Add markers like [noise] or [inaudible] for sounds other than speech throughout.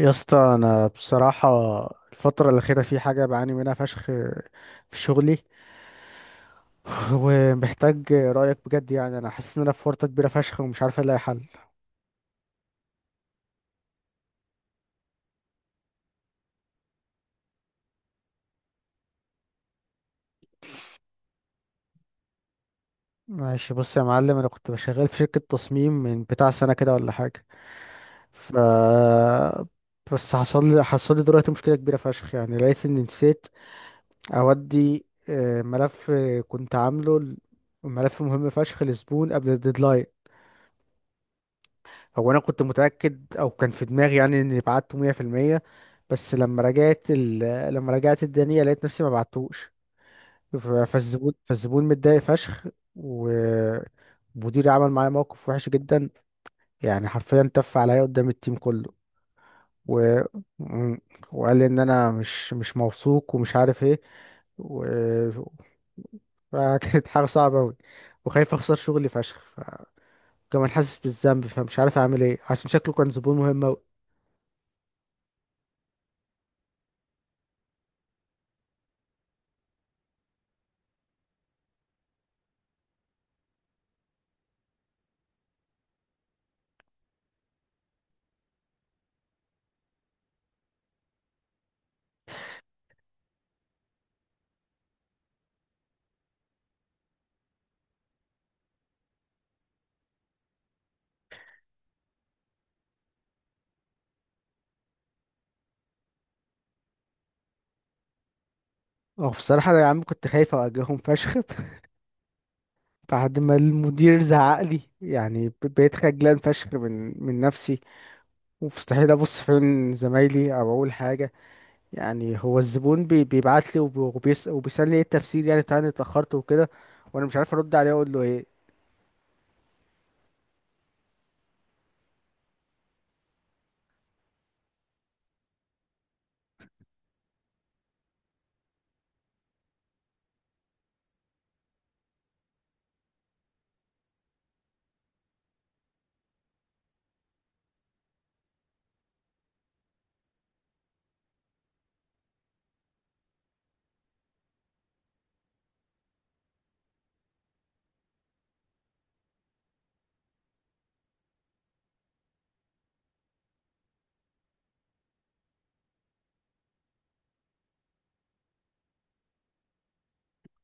يا اسطى انا بصراحه الفتره الاخيره في حاجه بعاني منها فشخ في شغلي. [laughs] ومحتاج رايك بجد، يعني انا حاسس ان انا في ورطه كبيره فشخ ومش عارف الاقي حل. ماشي، بص يا معلم، انا كنت شغال في شركه تصميم من بتاع سنه كده ولا حاجه. ف بس حصل لي دلوقتي مشكله كبيره فشخ، يعني لقيت اني نسيت اودي، ملف كنت عامله، ملف مهم فشخ لزبون قبل الديدلاين. هو انا كنت متاكد او كان في دماغي يعني اني بعته 100%. بس لما رجعت لما رجعت الدنيا لقيت نفسي ما بعتوش. ف- فالزبون متضايق فشخ، ومديري عمل معايا موقف وحش جدا. يعني حرفيا تف عليا قدام التيم كله، و... م- وقال لي ان انا مش موثوق ومش عارف ايه، و... فكانت [laughs] حاجه صعبه قوي، وخايف اخسر شغلي فشخ، فكمان حاسس بالذنب، فمش عارف اعمل ايه، عشان شكله كان زبون مهم. اه بصراحة يا عم، كنت خايف أواجههم فشخ. [laughs] بعد ما المدير زعق لي يعني، بقيت خجلان فشخ من نفسي، ومستحيل أبص في عين زمايلي أو أقول حاجة. يعني هو الزبون بيبعت لي وبيسألني إيه التفسير يعني بتاع إني اتأخرت وكده، وأنا مش عارف أرد عليه أقول له إيه.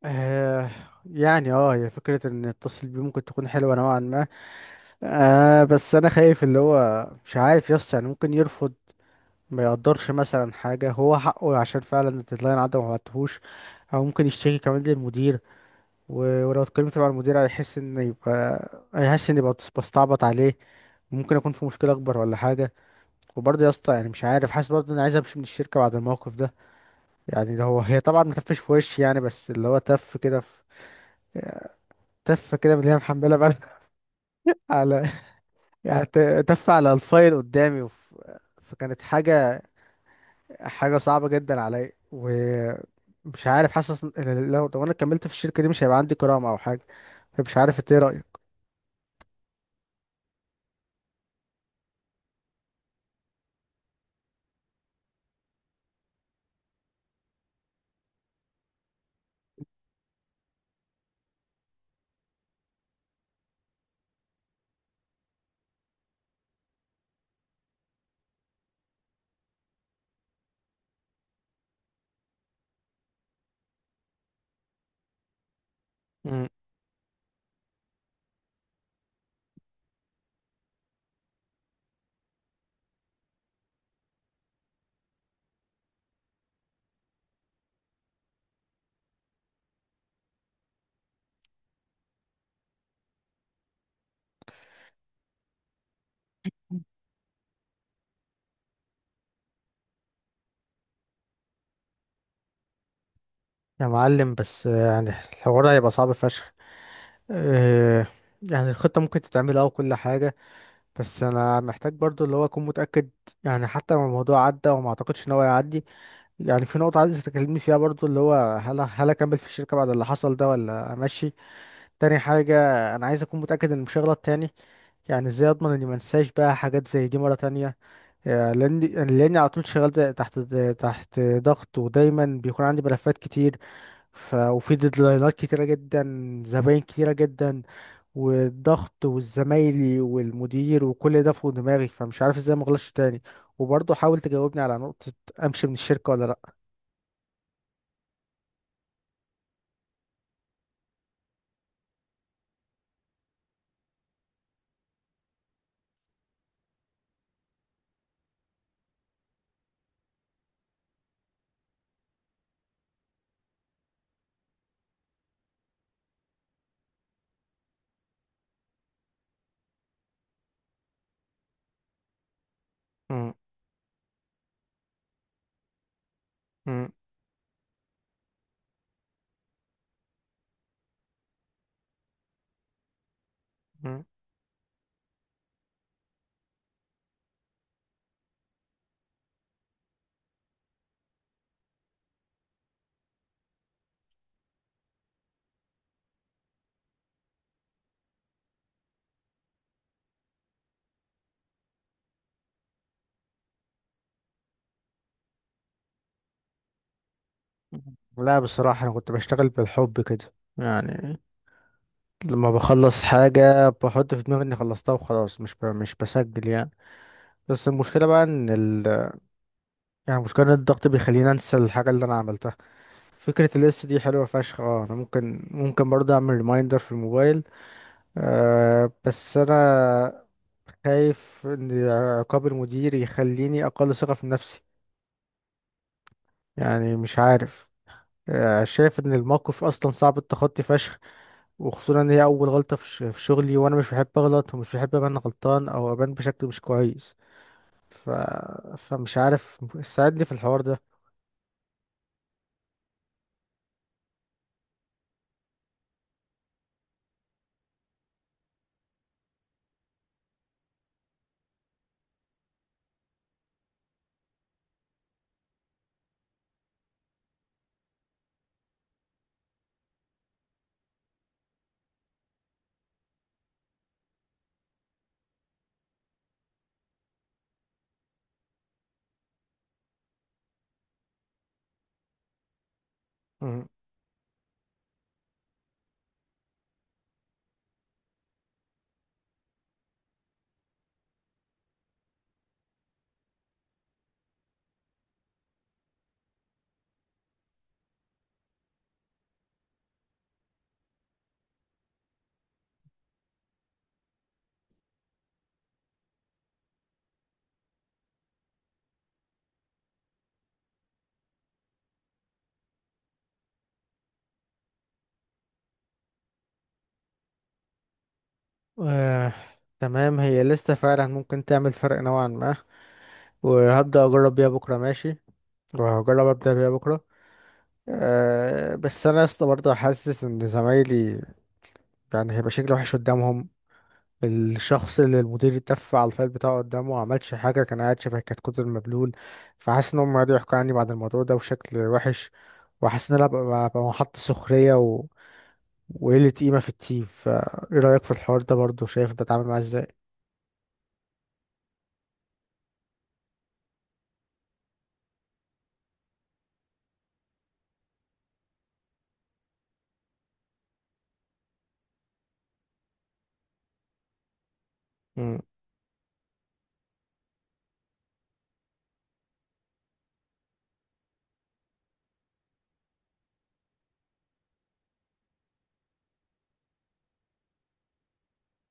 آه، يعني اه هي فكرة إن أتصل بيه ممكن تكون حلوة نوعا ما. آه بس أنا خايف اللي هو مش عارف يس يعني ممكن يرفض، ما يقدرش مثلا حاجة هو حقه، عشان فعلا الديدلاين عدى وما بعتهوش. أو ممكن يشتكي كمان للمدير. ولو اتكلمت مع المدير هيحس إن يبقى بستعبط عليه، ممكن أكون في مشكلة أكبر ولا حاجة. وبرضه يا اسطى يعني مش عارف، حاسس برضه إني عايز أمشي من الشركة بعد الموقف ده. يعني ده هو هي طبعا متفش في وشي يعني، بس اللي هو تف كده في، تف كده من اللي هي محملة بقى. [laughs] على، يعني تف على الفايل قدامي، فكانت حاجة صعبة جدا عليا، ومش عارف، حاسس إن لو انا كملت في الشركة دي مش هيبقى عندي كرامة او حاجة. فمش عارف انت ايه رأيك؟ مم. يا معلم بس يعني الحوار هيبقى صعب فشخ. آه، يعني الخطة ممكن تتعمل اه وكل حاجة، بس انا محتاج برضو اللي هو اكون متأكد. يعني حتى لو الموضوع عدى، وما اعتقدش ان هو يعدي، يعني في نقطة عايز تكلمني فيها برضو اللي هو، هل اكمل في الشركة بعد اللي حصل ده ولا امشي؟ تاني حاجة، انا عايز اكون متأكد ان مش هغلط تاني، يعني ازاي اضمن اني ما انساش بقى حاجات زي دي مرة تانية؟ آه، لاني على طول شغال زي تحت، تحت ضغط ودايما بيكون عندي ملفات كتير، وفي ديدلاينات كتيرة جدا، زباين كتيرة جدا، والضغط والزمايلي والمدير وكل ده فوق دماغي، فمش عارف ازاي ما اغلطش تاني. وبرضه حاول تجاوبني على نقطة، امشي من الشركة ولا لا؟ م- م- م- لا بصراحة انا كنت بشتغل بالحب كده. يعني لما بخلص حاجة بحط في دماغي اني خلصتها وخلاص، مش بسجل يعني. بس المشكلة بقى يعني المشكلة ان الضغط بيخليني انسى الحاجة اللي انا عملتها. فكرة الليست دي حلوة فشخ، اه انا ممكن برضه اعمل ريمايندر في الموبايل. آه بس انا خايف ان عقاب المدير يخليني اقل ثقة في نفسي، يعني مش عارف. آه شايف ان الموقف اصلا صعب التخطي فشخ، وخصوصا ان هي اول غلطه في شغلي، وانا مش بحب اغلط ومش بحب ابان غلطان او ابان بشكل مش كويس. ف... فمش عارف، ساعدني في الحوار ده. مم. آه. تمام، هي لسه فعلا ممكن تعمل فرق نوعا ما، وهبدأ أجرب بيها بكرة. ماشي، وهجرب أبدأ بيها بكرة. أه بس أنا لسه برضه حاسس إن زمايلي، يعني هيبقى شكلي وحش قدامهم. الشخص اللي المدير اتف على الفايل بتاعه قدامه وعملش حاجة كان قاعد شبه كتكوت المبلول، فحاسس ان هم قعدوا يحكوا عني بعد الموضوع ده بشكل وحش، وحاسس ان انا ببقى محط سخرية وقلة قيمة في التيم. فايه رأيك في الحوار ده برضه؟ شايف انت اتعامل معاه ازاي؟ مم.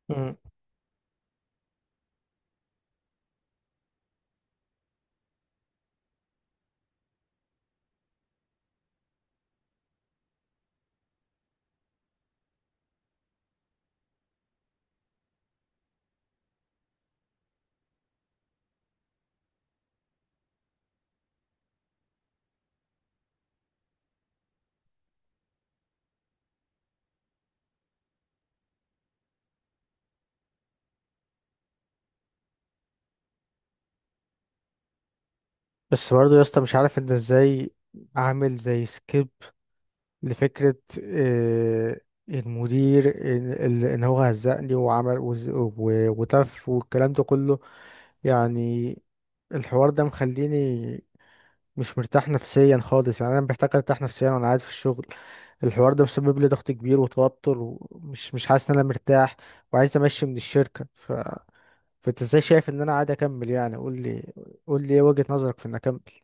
مم. بس برضه يا اسطى مش عارف انت ازاي اعمل زي سكيب لفكرة، آه، المدير، إن هو هزقني وتف والكلام ده كله. يعني الحوار ده مخليني مش مرتاح نفسيا خالص، يعني أنا محتاج أرتاح نفسيا وأنا قاعد في الشغل. الحوار ده مسبب لي ضغط كبير وتوتر، ومش مش حاسس إن أنا مرتاح، وعايز أمشي من الشركة. فأنت إزاي شايف إن أنا قاعد أكمل؟ يعني قول لي، قول لي إيه وجهة نظرك في إن أكمل؟